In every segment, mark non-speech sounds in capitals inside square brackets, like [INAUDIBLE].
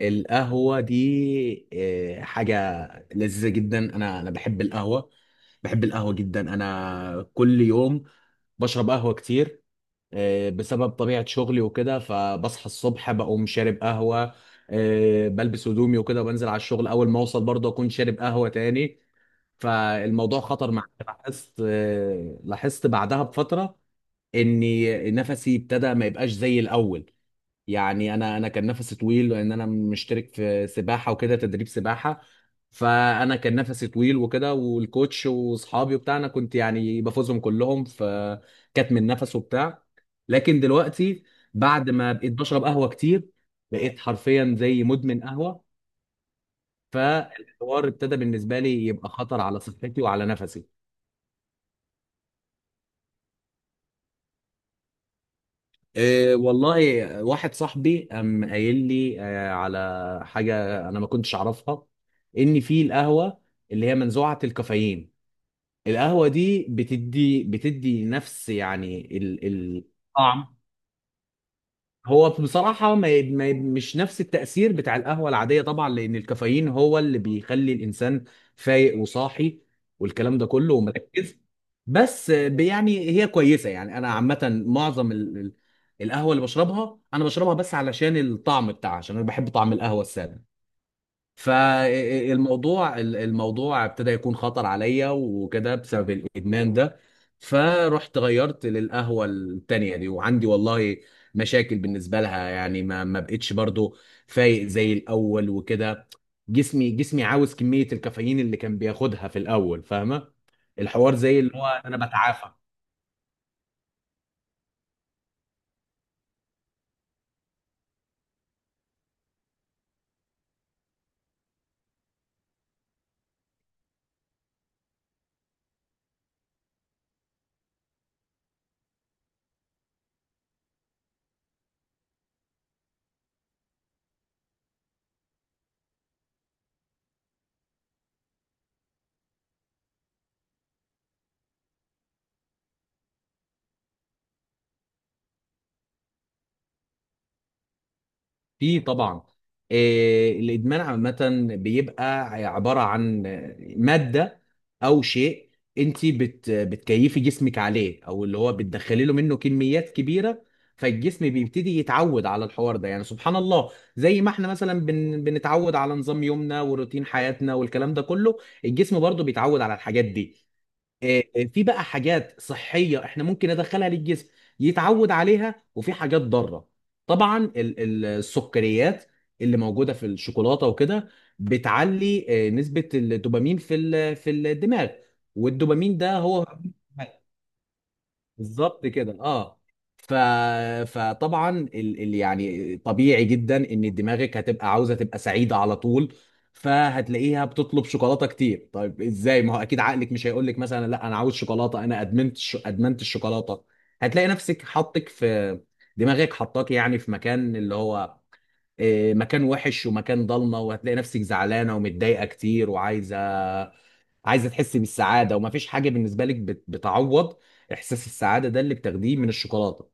القهوة دي حاجة لذيذة جدا. أنا بحب القهوة، بحب القهوة جدا. أنا كل يوم بشرب قهوة كتير، بسبب طبيعة شغلي وكده، فبصحى الصبح بقوم شارب قهوة، بلبس هدومي وكده وبنزل على الشغل. أول ما أوصل برضه أكون شارب قهوة تاني. فالموضوع خطر معايا، لاحظت، لاحظت بعدها بفترة إني نفسي ابتدى ما يبقاش زي الأول، يعني انا كان نفسي طويل، لان انا مشترك في سباحه وكده، تدريب سباحه. فانا كان نفسي طويل وكده، والكوتش واصحابي وبتاع انا كنت يعني بفوزهم كلهم، فكتم النفس وبتاع. لكن دلوقتي بعد ما بقيت بشرب قهوه كتير بقيت حرفيا زي مدمن قهوه. فالحوار ابتدى بالنسبه لي يبقى خطر على صحتي وعلى نفسي. إيه والله، واحد صاحبي قام قايل لي على حاجة أنا ما كنتش أعرفها، إن في القهوة اللي هي منزوعة الكافيين. القهوة دي بتدي نفس يعني الطعم. هو بصراحة ما مش نفس التأثير بتاع القهوة العادية طبعا، لأن الكافيين هو اللي بيخلي الإنسان فايق وصاحي والكلام ده كله، ومركز. بس يعني هي كويسة. يعني أنا عامة معظم القهوة اللي بشربها أنا بشربها بس علشان الطعم بتاعها، عشان أنا بحب طعم القهوة السادة. فالموضوع ابتدى يكون خطر عليا وكده بسبب الادمان ده. فرحت غيرت للقهوه التانيه دي، وعندي والله مشاكل بالنسبه لها، يعني ما بقتش برضو فايق زي الاول وكده. جسمي عاوز كميه الكافيين اللي كان بياخدها في الاول، فاهمه؟ الحوار زي اللي هو انا بتعافى. في طبعا. الادمان عامه بيبقى عباره عن ماده او شيء انت بتكيفي جسمك عليه، او اللي هو بتدخلي له منه كميات كبيره، فالجسم بيبتدي يتعود على الحوار ده. يعني سبحان الله، زي ما احنا مثلا بنتعود على نظام يومنا وروتين حياتنا والكلام ده كله، الجسم برضه بيتعود على الحاجات دي. آه، في بقى حاجات صحية احنا ممكن ندخلها للجسم يتعود عليها، وفي حاجات ضارة. طبعا السكريات اللي موجودة في الشوكولاتة وكده بتعلي نسبة الدوبامين في في الدماغ، والدوبامين ده هو بالظبط كده، اه. ف... فطبعا يعني طبيعي جدا ان دماغك هتبقى عاوزه تبقى سعيده على طول، فهتلاقيها بتطلب شوكولاته كتير. طيب ازاي؟ ما هو اكيد عقلك مش هيقول لك مثلا لا انا عاوز شوكولاته، انا ادمنت ادمنت الشوكولاته. هتلاقي نفسك حطك في، دماغك حطاك يعني في مكان اللي هو مكان وحش ومكان ضلمه، وهتلاقي نفسك زعلانه ومتضايقه كتير وعايزه تحسي بالسعاده، ومفيش حاجه بالنسبه لك بتعوض احساس السعاده ده اللي بتاخديه من الشوكولاته.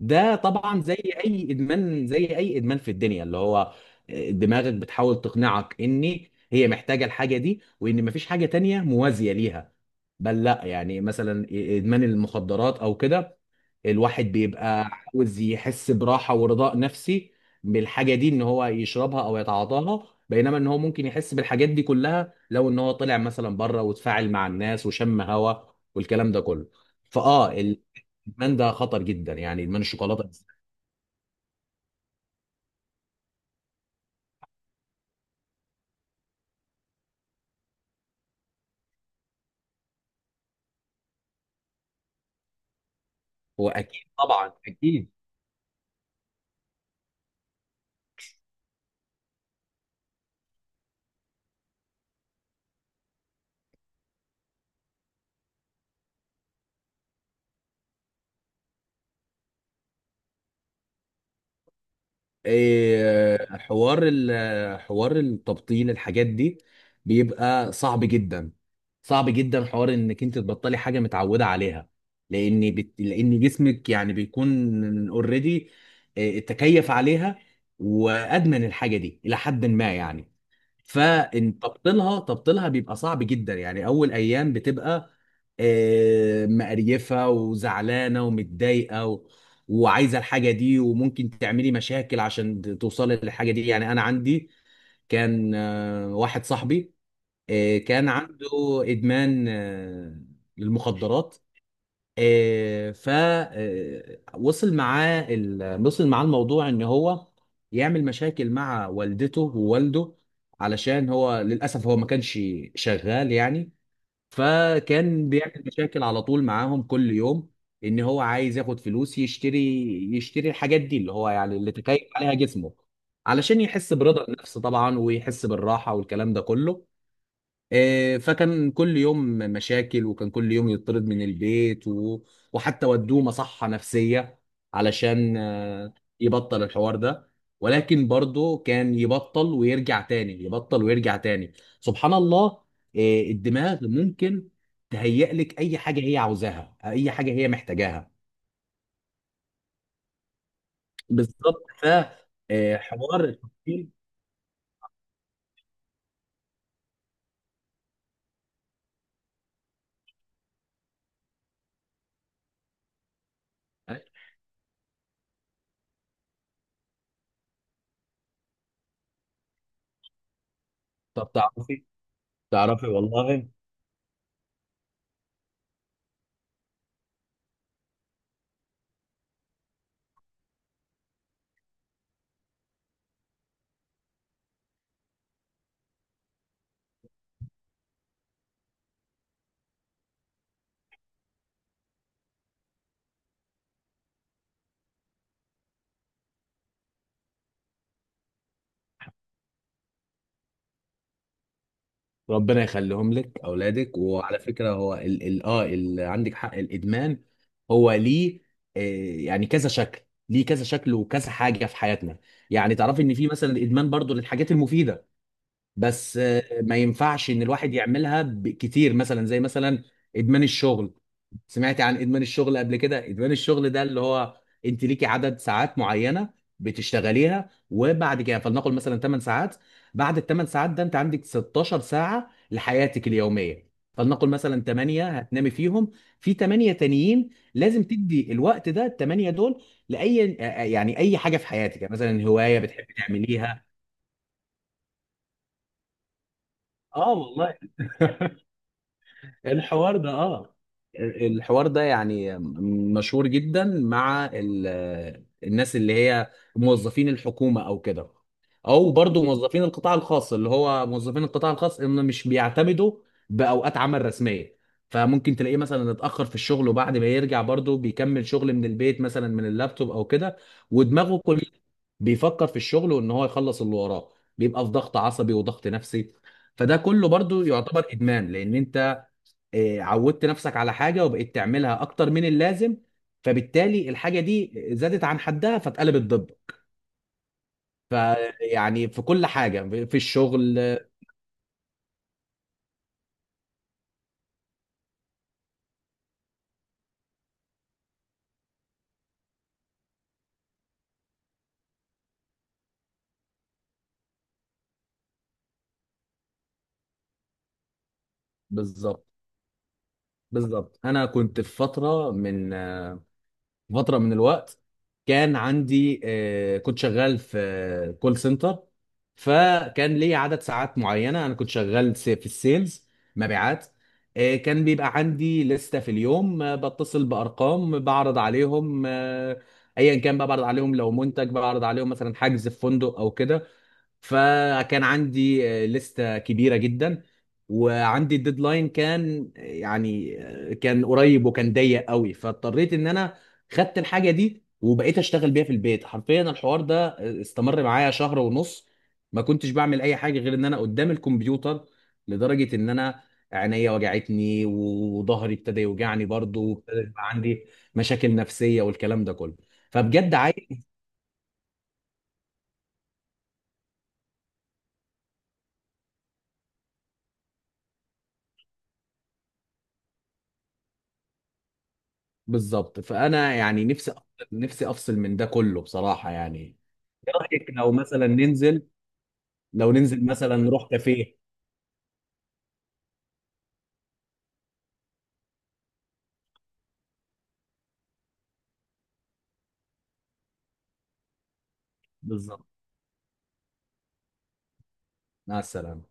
ده طبعا زي اي ادمان، زي اي ادمان في الدنيا، اللي هو دماغك بتحاول تقنعك ان هي محتاجه الحاجه دي، وان مفيش حاجه تانية موازيه ليها. بل لا، يعني مثلا ادمان المخدرات او كده، الواحد بيبقى عاوز يحس براحه ورضاء نفسي بالحاجه دي، ان هو يشربها او يتعاطاها، بينما ان هو ممكن يحس بالحاجات دي كلها لو ان هو طلع مثلا بره وتفاعل مع الناس وشم هوا والكلام ده كله. فاه الادمان ده خطر جدا، يعني ادمان الشوكولاته بالذات. هو اكيد طبعا، اكيد. إيه، حوار حوار التبطيل الحاجات دي بيبقى صعب جدا. صعب جدا حوار انك انت تبطلي حاجه متعوده عليها، لان لان جسمك يعني بيكون اوريدي تكيف عليها وادمن الحاجه دي الى حد ما، يعني فان تبطيلها بيبقى صعب جدا. يعني اول ايام بتبقى مقريفه وزعلانه ومتضايقه وعايزه الحاجه دي، وممكن تعملي مشاكل عشان توصلي للحاجه دي. يعني انا عندي كان واحد صاحبي كان عنده ادمان للمخدرات. آه، ف آه، وصل معاه وصل معاه الموضوع ان هو يعمل مشاكل مع والدته ووالده، علشان هو للاسف هو ما كانش شغال يعني، فكان بيعمل مشاكل على طول معاهم كل يوم ان هو عايز ياخد فلوس يشتري، يشتري الحاجات دي اللي هو يعني اللي تكيف عليها جسمه، علشان يحس برضا النفس طبعا، ويحس بالراحة والكلام ده كله. فكان كل يوم مشاكل، وكان كل يوم يطرد من البيت وحتى ودوه مصحة نفسية علشان يبطل الحوار ده، ولكن برضه كان يبطل ويرجع تاني، يبطل ويرجع تاني. سبحان الله، الدماغ ممكن تهيئ لك اي حاجة هي عاوزاها، اي حاجة هي محتاجاها. بالظبط. فحوار التفكير، آه، طب تعرفي، والله ربنا يخليهم لك اولادك. وعلى فكره، هو ال عندك حق، الادمان هو ليه آه يعني كذا شكل. ليه كذا شكل وكذا حاجه في حياتنا؟ يعني تعرفي ان في مثلا الادمان برضو للحاجات المفيده، بس ما ينفعش ان الواحد يعملها كتير، مثلا زي مثلا ادمان الشغل. سمعت عن ادمان الشغل قبل كده؟ ادمان الشغل ده اللي هو انت ليكي عدد ساعات معينه بتشتغليها، وبعد كده فلنقل مثلا 8 ساعات. بعد ال 8 ساعات ده انت عندك 16 ساعه لحياتك اليوميه، فلنقل مثلا 8 هتنامي فيهم، في 8 تانيين لازم تدي الوقت ده ال 8 دول لاي، يعني اي حاجه في حياتك، يعني مثلا هوايه بتحبي تعمليها. اه والله. [LAUGHS] الحوار ده اه، الحوار ده يعني مشهور جدا مع الناس اللي هي موظفين الحكومة او كده، او برضو موظفين القطاع الخاص، اللي هو موظفين القطاع الخاص ان مش بيعتمدوا باوقات عمل رسمية، فممكن تلاقيه مثلا اتأخر في الشغل وبعد ما يرجع برضو بيكمل شغل من البيت مثلا من اللابتوب او كده، ودماغه كل بيفكر في الشغل وان هو يخلص اللي وراه. بيبقى في ضغط عصبي وضغط نفسي، فده كله برضو يعتبر ادمان، لان انت عودت نفسك على حاجة وبقيت تعملها أكتر من اللازم، فبالتالي الحاجة دي زادت عن حدها فاتقلبت ضدك. فيعني في كل حاجة في الشغل. بالظبط، بالظبط. أنا كنت في فترة من فتره من الوقت، كان عندي، كنت شغال في كول سنتر، فكان لي عدد ساعات معينه. انا كنت شغال في السيلز، مبيعات. كان بيبقى عندي لستة في اليوم بتصل بارقام بعرض عليهم، ايا كان بقى بعرض عليهم لو منتج، بعرض عليهم مثلا حجز في فندق او كده. فكان عندي لستة كبيرة جدا، وعندي الديدلاين كان يعني كان قريب وكان ضيق قوي، فاضطريت ان انا خدت الحاجة دي وبقيت اشتغل بيها في البيت حرفيا. الحوار ده استمر معايا شهر ونص. ما كنتش بعمل اي حاجة غير ان انا قدام الكمبيوتر، لدرجة ان انا عينيا وجعتني وظهري ابتدى يوجعني برضه، وابتدى يبقى عندي مشاكل نفسية والكلام ده كله. فبجد عايز، بالظبط. فانا يعني نفسي نفسي افصل من ده كله بصراحه، يعني ايه رايك لو مثلا ننزل، لو ننزل مثلا نروح كافيه؟ بالظبط. مع السلامه.